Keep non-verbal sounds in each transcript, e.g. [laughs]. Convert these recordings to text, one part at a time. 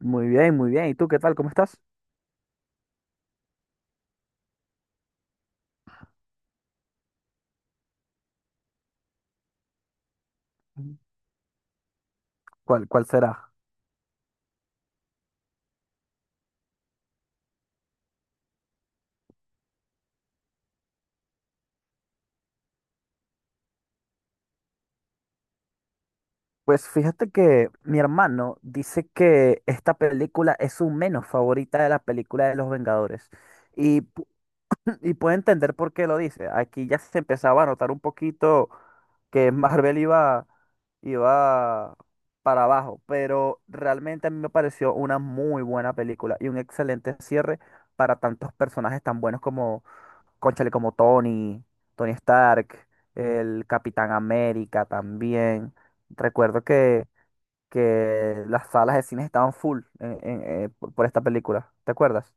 Muy bien, muy bien. ¿Y tú qué tal? ¿Cómo estás? ¿Cuál será? Pues fíjate que mi hermano dice que esta película es su menos favorita de la película de los Vengadores. Y, pu- [laughs] y puedo entender por qué lo dice. Aquí ya se empezaba a notar un poquito que Marvel iba, iba para abajo, pero realmente a mí me pareció una muy buena película y un excelente cierre para tantos personajes tan buenos como cónchale, como Tony, Tony Stark, el Capitán América también. Recuerdo que las salas de cine estaban full por esta película. ¿Te acuerdas?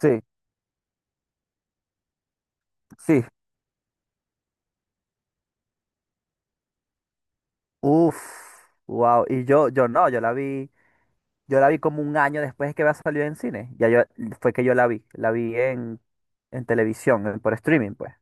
Sí, sí. Uf, wow. Y yo no, yo la vi como un año después de que había salido en cine. Fue que yo la vi, la en televisión, por streaming, pues.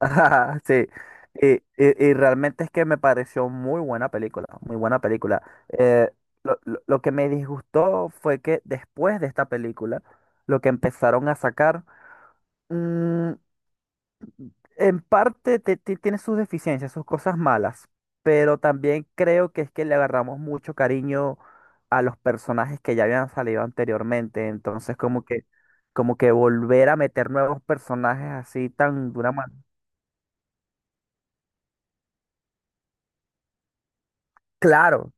[laughs] Sí, y, y- y realmente es que me pareció muy buena película, muy buena película. Eh, lo que me disgustó fue que después de esta película, lo que empezaron a sacar, mm, en parte tiene sus deficiencias, sus cosas malas, pero también creo que es que le agarramos mucho cariño a los personajes que ya habían salido anteriormente, entonces como que volver a meter nuevos personajes así tan de una manera. Claro,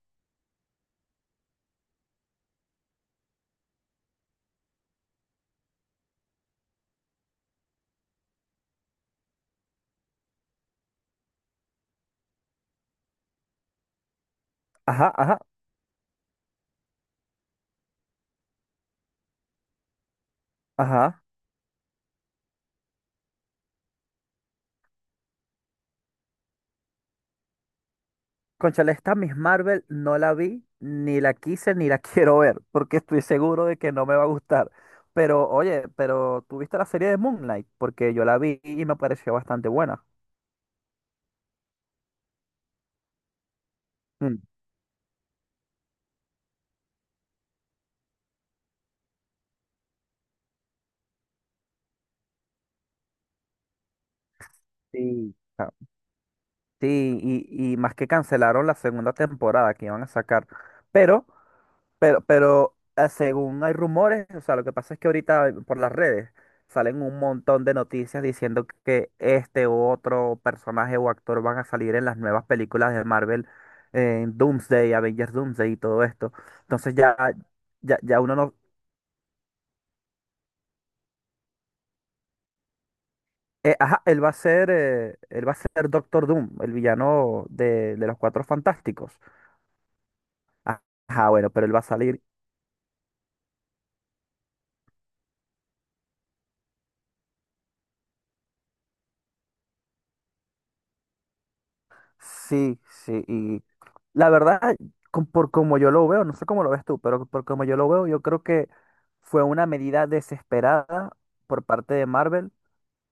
ajá, ajá. Ajá. Cónchale, esta Miss Marvel no la vi, ni la quise, ni la [laughs] quiero ver, porque estoy seguro de que no me va a gustar. Pero, oye, pero ¿tú viste la serie de Moonlight? Porque yo la vi y me pareció bastante buena. Mm. Sí. Ah. Sí, y más que cancelaron la segunda temporada que iban a sacar. Pero según hay rumores, o sea, lo que pasa es que ahorita por las redes salen un montón de noticias diciendo que este u otro personaje o actor van a salir en las nuevas películas de Marvel, en Doomsday, Avengers Doomsday y todo esto. Entonces ya uno no... ajá, él va a él va a ser Doctor Doom, el villano de los Cuatro Fantásticos. Ajá, bueno, pero él va a salir. Sí, sí, y la verdad, por como yo lo veo, no sé cómo lo ves tú, pero por como yo lo veo, yo creo que fue una medida desesperada por parte de Marvel,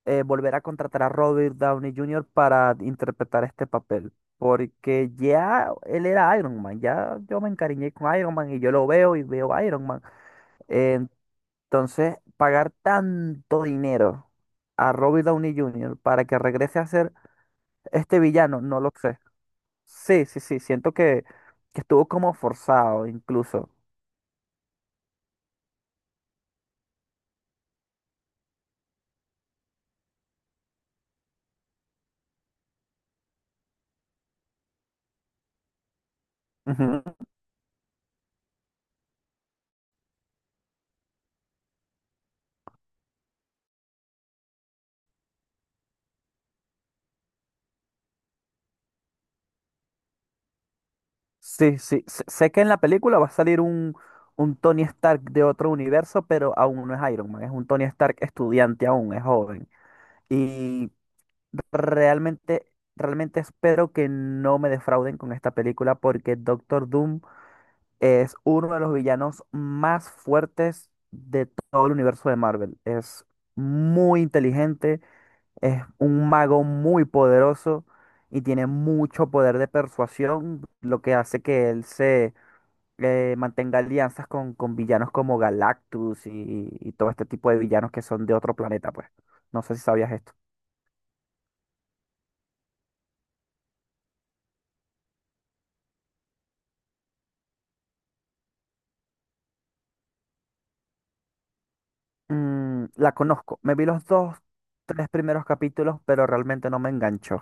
volver a contratar a Robert Downey Jr. para interpretar este papel, porque ya él era Iron Man, ya yo me encariñé con Iron Man y yo lo veo y veo Iron Man. Eh, entonces, pagar tanto dinero a Robert Downey Jr. para que regrese a ser este villano, no lo sé. Sí, sí, sí, siento que estuvo como forzado incluso. Ujú. Sí, sí, sé que en la película va a salir un Tony Stark de otro universo, pero aún no es Iron Man, es un Tony Stark estudiante aún, es joven. Y realmente, realmente espero que no me defrauden con esta película porque Doctor Doom es uno de los villanos más fuertes de todo el universo de Marvel. Es muy inteligente. Es un mago muy poderoso y tiene mucho poder de persuasión, lo que hace que él se mantenga alianzas con villanos como Galactus y todo este tipo de villanos que son de otro planeta, pues. No sé si sabías esto. Mm, la conozco. Me vi tres primeros capítulos, pero realmente no me enganchó.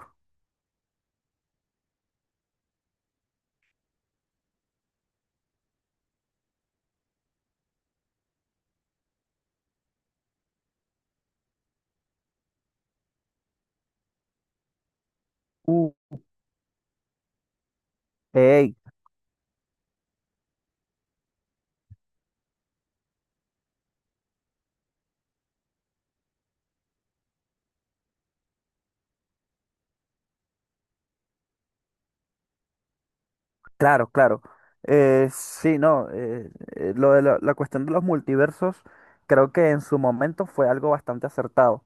Uh, ey, claro, claro. Sí, no. Lo de la cuestión de los multiversos, creo que en su momento fue algo bastante acertado.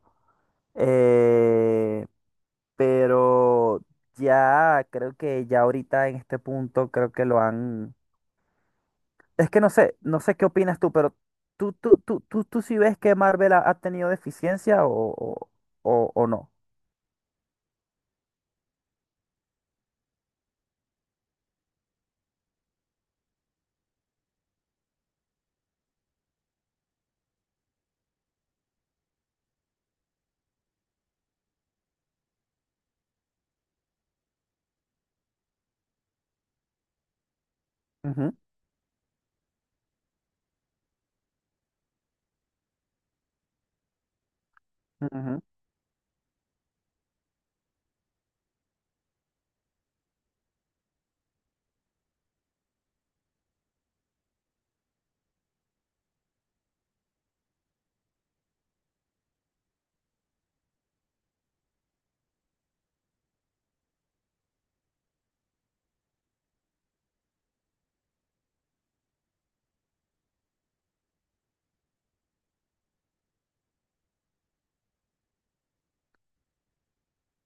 Eh, pero ya creo que ya ahorita en este punto creo que lo han... Es que no sé, no sé qué opinas tú, pero tú sí ves que Marvel ha, ha tenido deficiencia o, o no. Ujú, ujú,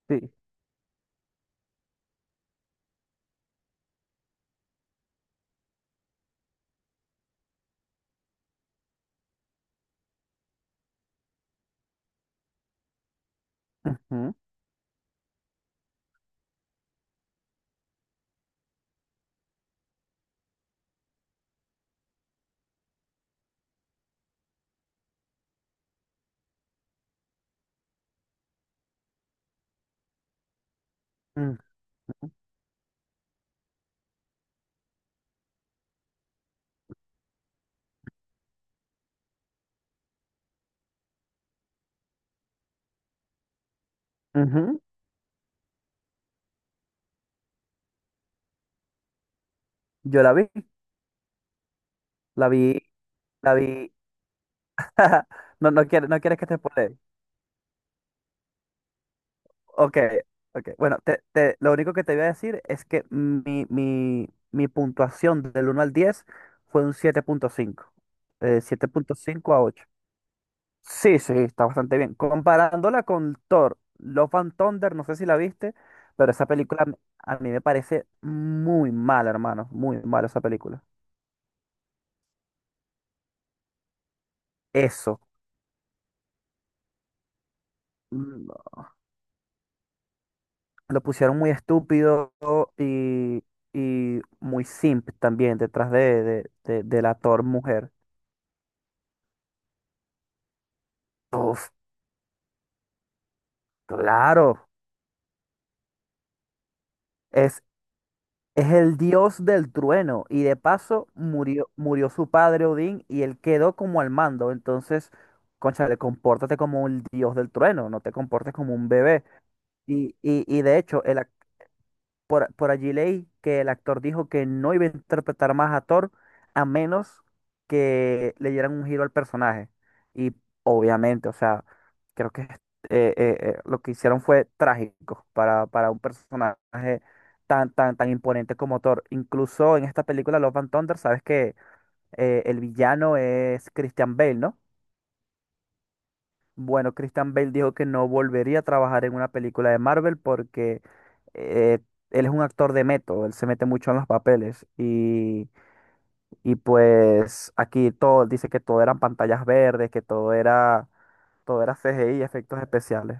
sí. Ujú, mm, ujú. Yo la vi, la vi, la vi. [laughs] No, no quieres, no quieres que te spoile. Ok, ok. Bueno, lo único que te voy a decir es que mi puntuación del uno al 10 fue un 7.5. Siete punto cinco a 8. Sí, sí, está bastante bien. Comparándola con Thor, Love and Thunder, no sé si la viste, pero esa película a mí me parece muy mala, hermano. Muy mala esa película. Eso. Mm. Lo pusieron muy estúpido y, y muy simp también detrás de, de la Thor mujer. Uf. Claro, es, es el dios del trueno y de paso murió, murió su padre Odín y él quedó como al mando. Entonces, cónchale, compórtate como un dios del trueno, no te comportes como un bebé. Y de hecho, por allí leí que el actor dijo que no iba a interpretar más a Thor a menos que le dieran un giro al personaje. Y obviamente, o sea, creo que eh, lo que hicieron fue trágico para un personaje tan, tan, tan imponente como Thor. Incluso en esta película Love and Thunder, sabes que el villano es Christian Bale, ¿no? Bueno, Christian Bale dijo que no volvería a trabajar en una película de Marvel porque eh, él es un actor de método, él se mete mucho en los papeles y pues aquí todo, dice que todo eran pantallas verdes, que todo era CGI, efectos especiales.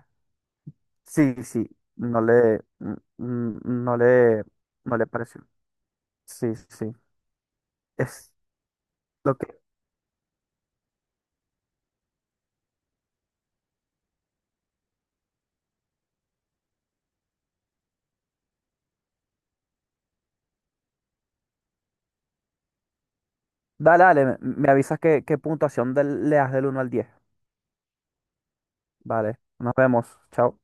Sí, sí, no le, n- n- no le, no le pareció. Sí, sí, es lo que... Dale, dale, me me avisas qué, qué puntuación le das del uno al diez. Vale, nos vemos, chao.